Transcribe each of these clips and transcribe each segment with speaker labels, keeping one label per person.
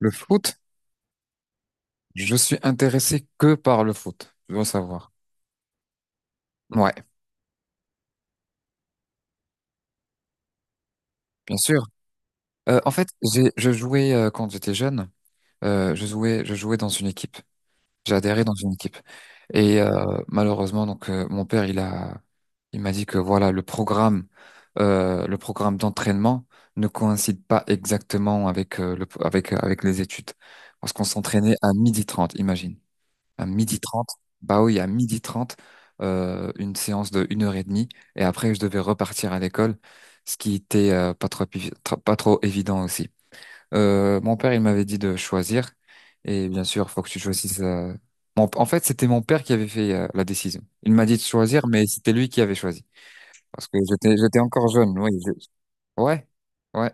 Speaker 1: Le foot, je suis intéressé que par le foot, tu dois savoir. Ouais, bien sûr. En fait, je jouais, quand j'étais jeune. Je jouais dans une équipe. J'ai adhéré dans une équipe. Et malheureusement, donc mon père, il m'a dit que voilà, le programme, d'entraînement ne coïncide pas exactement avec avec les études, parce qu'on s'entraînait à midi 30. Imagine. À midi trente. Bah oui, à midi trente, une séance de une heure et demie. Et après, je devais repartir à l'école, ce qui était pas trop évident aussi. Mon père, il m'avait dit de choisir. Et bien sûr, faut que tu choisisses. En fait, c'était mon père qui avait fait la décision. Il m'a dit de choisir, mais c'était lui qui avait choisi. Parce que j'étais encore jeune. Oui, ouais, ouais.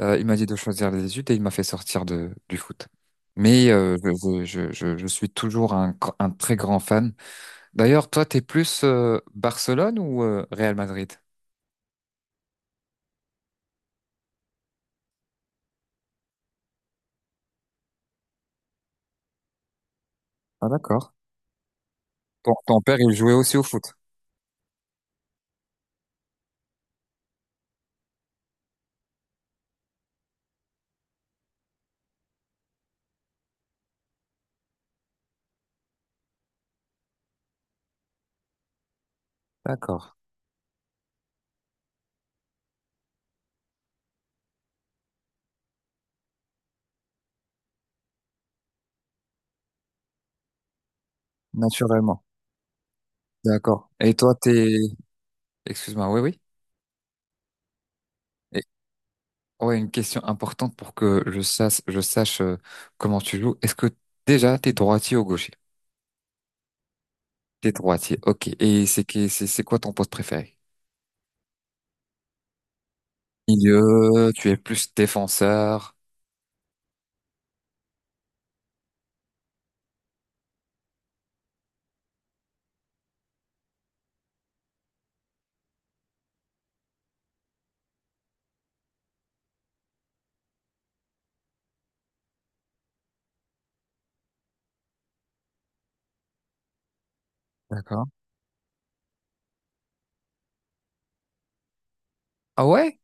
Speaker 1: Il m'a dit de choisir les études et il m'a fait sortir du foot. Mais je suis toujours un très grand fan. D'ailleurs, toi, t'es plus Barcelone ou Real Madrid? Ah, d'accord. Ton père, il jouait aussi au foot? D'accord. Naturellement. D'accord. Et toi, t'es... Excuse-moi, oui, oui. Et ouais, une question importante pour que je sache, comment tu joues. Est-ce que déjà t'es droitier ou gaucher? T'es droitier, ok. Et c'est quoi ton poste préféré? Milieu. Tu es plus défenseur. D'accord. Ah ouais?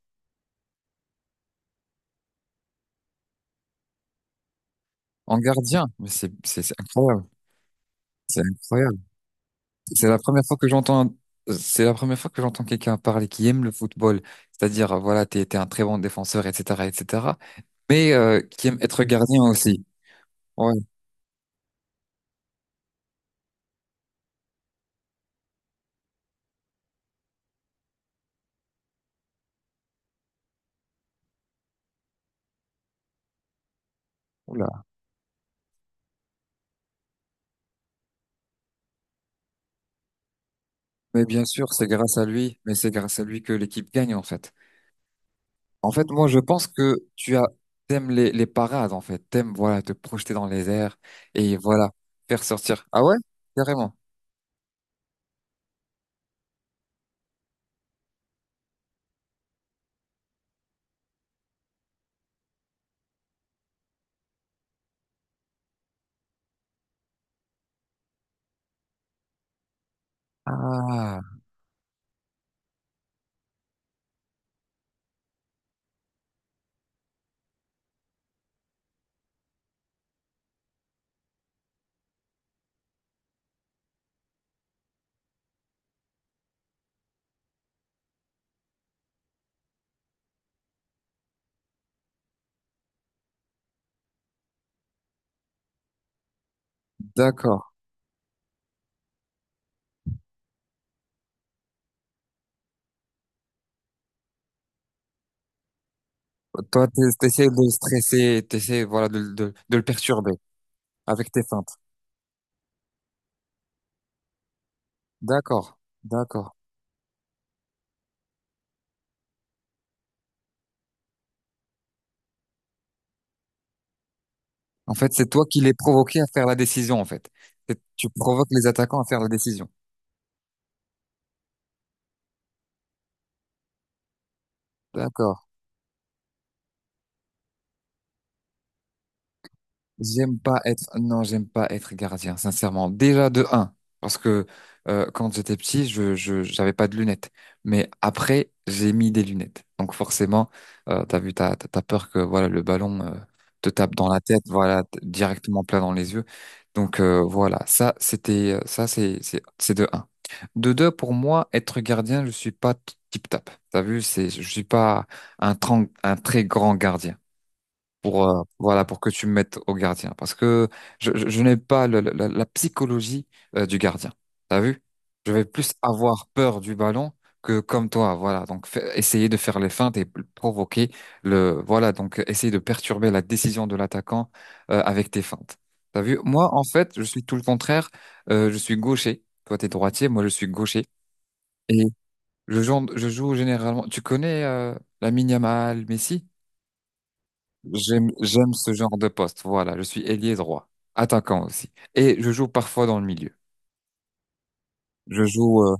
Speaker 1: En gardien. Mais c'est incroyable. C'est incroyable. C'est la première fois que j'entends, c'est la première fois que j'entends quelqu'un parler qui aime le football. C'est-à-dire, voilà, t'es un très bon défenseur, etc., etc. Mais qui aime être gardien aussi. Ouais. Oula. Mais bien sûr, c'est grâce à lui. Mais c'est grâce à lui que l'équipe gagne, en fait. En fait, moi, je pense que t'aimes les parades, en fait. T'aimes, voilà, te projeter dans les airs et voilà, faire sortir. Ah ouais? Carrément. Ah, d'accord. Toi, t'essaies de le stresser, t'essaies, voilà, de le perturber avec tes fins. D'accord, d'accord. En fait, c'est toi qui les provoquais à faire la décision, en fait. Tu provoques les attaquants à faire la décision. D'accord. J'aime pas être, non, j'aime pas être gardien, sincèrement. Déjà de un, parce que quand j'étais petit, j'avais pas de lunettes. Mais après, j'ai mis des lunettes. Donc forcément, t'as vu, t'as peur que voilà le ballon te tape dans la tête, voilà directement plein dans les yeux. Donc voilà, ça c'est, c'est de un. De deux, pour moi, être gardien, je suis pas tip-tap. T'as vu, je suis pas un très grand gardien pour voilà pour que tu me mettes au gardien parce que je n'ai pas la psychologie du gardien. T'as vu? Je vais plus avoir peur du ballon que comme toi, voilà. Donc essayer de faire les feintes et provoquer le voilà, donc essayer de perturber la décision de l'attaquant avec tes feintes. T'as vu? Moi en fait, je suis tout le contraire. Je suis gaucher. Toi t'es droitier, moi je suis gaucher et je joue généralement. Tu connais Lamine Yamal, Messi? J'aime ce genre de poste. Voilà, je suis ailier droit, attaquant aussi. Et je joue parfois dans le milieu. Je joue, euh,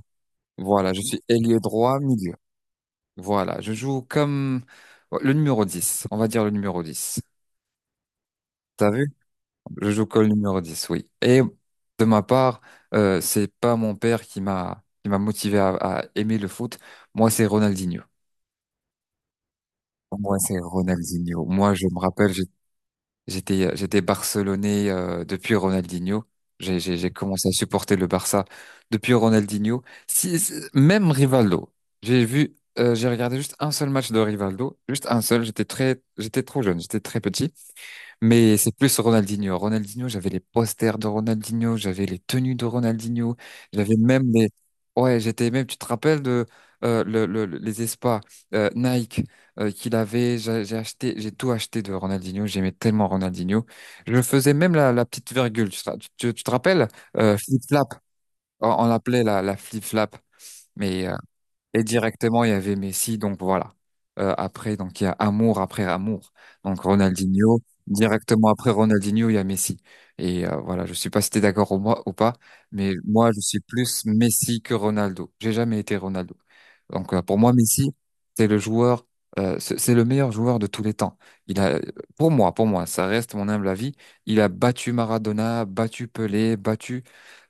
Speaker 1: voilà, je suis ailier droit, milieu. Voilà, je joue comme le numéro 10, on va dire le numéro 10. T'as vu? Je joue comme le numéro 10, oui. Et de ma part, c'est pas mon père qui m'a motivé à aimer le foot. Moi, c'est Ronaldinho. Moi, c'est Ronaldinho. Moi, je me rappelle. J'étais Barcelonais, depuis Ronaldinho. J'ai commencé à supporter le Barça depuis Ronaldinho. Même Rivaldo. J'ai regardé juste un seul match de Rivaldo, juste un seul. J'étais trop jeune, j'étais très petit. Mais c'est plus Ronaldinho. Ronaldinho, j'avais les posters de Ronaldinho, j'avais les tenues de Ronaldinho, j'avais même les... Ouais, j'étais même, tu te rappelles de les espas Nike qu'il avait, j'ai acheté, j'ai tout acheté de Ronaldinho, j'aimais tellement Ronaldinho. Je faisais même la petite virgule, tu te, ra- tu- tu- tu te rappelles? Flip-flap, on l'appelait la flip-flap. Mais euh, et directement, il y avait Messi, donc voilà. Après, donc il y a amour après amour. Donc Ronaldinho, directement après Ronaldinho, il y a Messi. Voilà, je suis pas si t'es d'accord ou, moi, ou pas, mais moi, je suis plus Messi que Ronaldo. J'ai jamais été Ronaldo. Donc pour moi, Messi, c'est le joueur, c'est le meilleur joueur de tous les temps. Il a, pour moi, ça reste mon humble avis. Il a battu Maradona, battu Pelé, battu.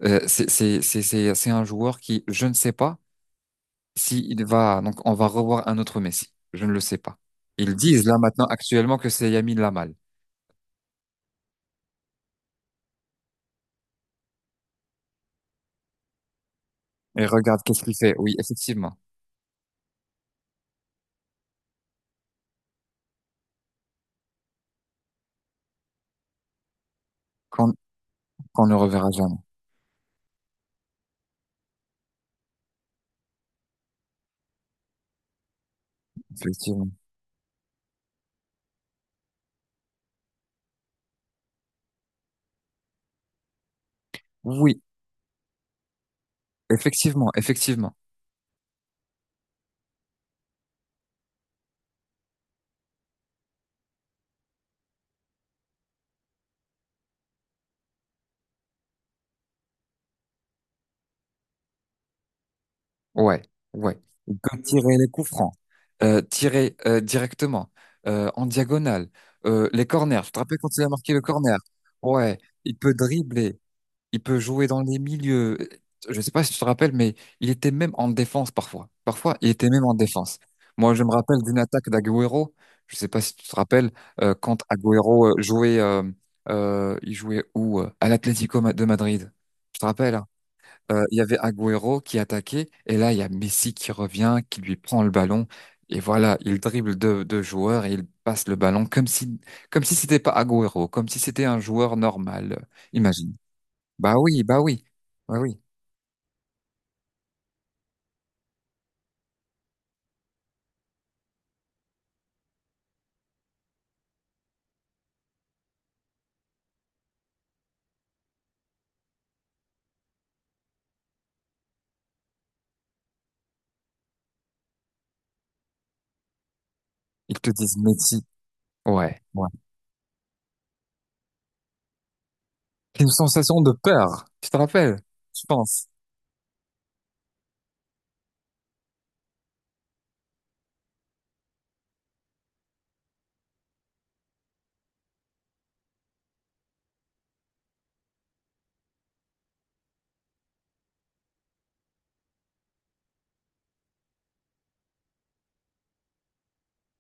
Speaker 1: C'est un joueur qui, je ne sais pas. Si il va, donc on va revoir un autre Messi. Je ne le sais pas. Ils disent là maintenant actuellement que c'est Yamin Lamal. Et regarde qu'est-ce qu'il fait. Oui, effectivement. Qu'on qu'on ne reverra jamais. Effectivement. Oui, effectivement, effectivement. Ouais, ouais. Il peut tirer les coups francs, tirer directement, en diagonale, les corners. Tu te rappelles quand il a marqué le corner? Ouais. Il peut dribbler. Il peut jouer dans les milieux. Je ne sais pas si tu te rappelles, mais il était même en défense parfois. Parfois, il était même en défense. Moi, je me rappelle d'une attaque d'Agüero. Je ne sais pas si tu te rappelles, quand Agüero jouait, il jouait où? À l'Atlético de Madrid. Tu te rappelles, hein? Il y avait Agüero qui attaquait, et là, il y a Messi qui revient, qui lui prend le ballon. Et voilà, il dribble deux joueurs et il passe le ballon comme si c'était pas Agüero, comme si c'était un joueur normal. Imagine. Bah oui, bah oui, bah oui. Ils te disent Messi. Ouais, ouais. C'est une sensation de peur. Tu te rappelles? Je pense.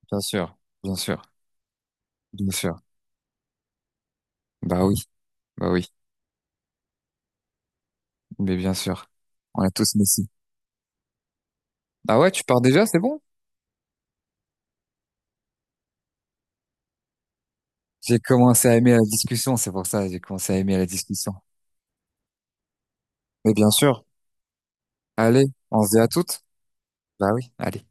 Speaker 1: Bien sûr, bien sûr, bien sûr. Bah oui, bah oui, mais bien sûr. On a tous Messi. Ah ouais, tu pars déjà, c'est bon? J'ai commencé à aimer la discussion, c'est pour ça, j'ai commencé à aimer la discussion. Mais bien sûr. Allez, on se dit à toutes. Bah oui, allez.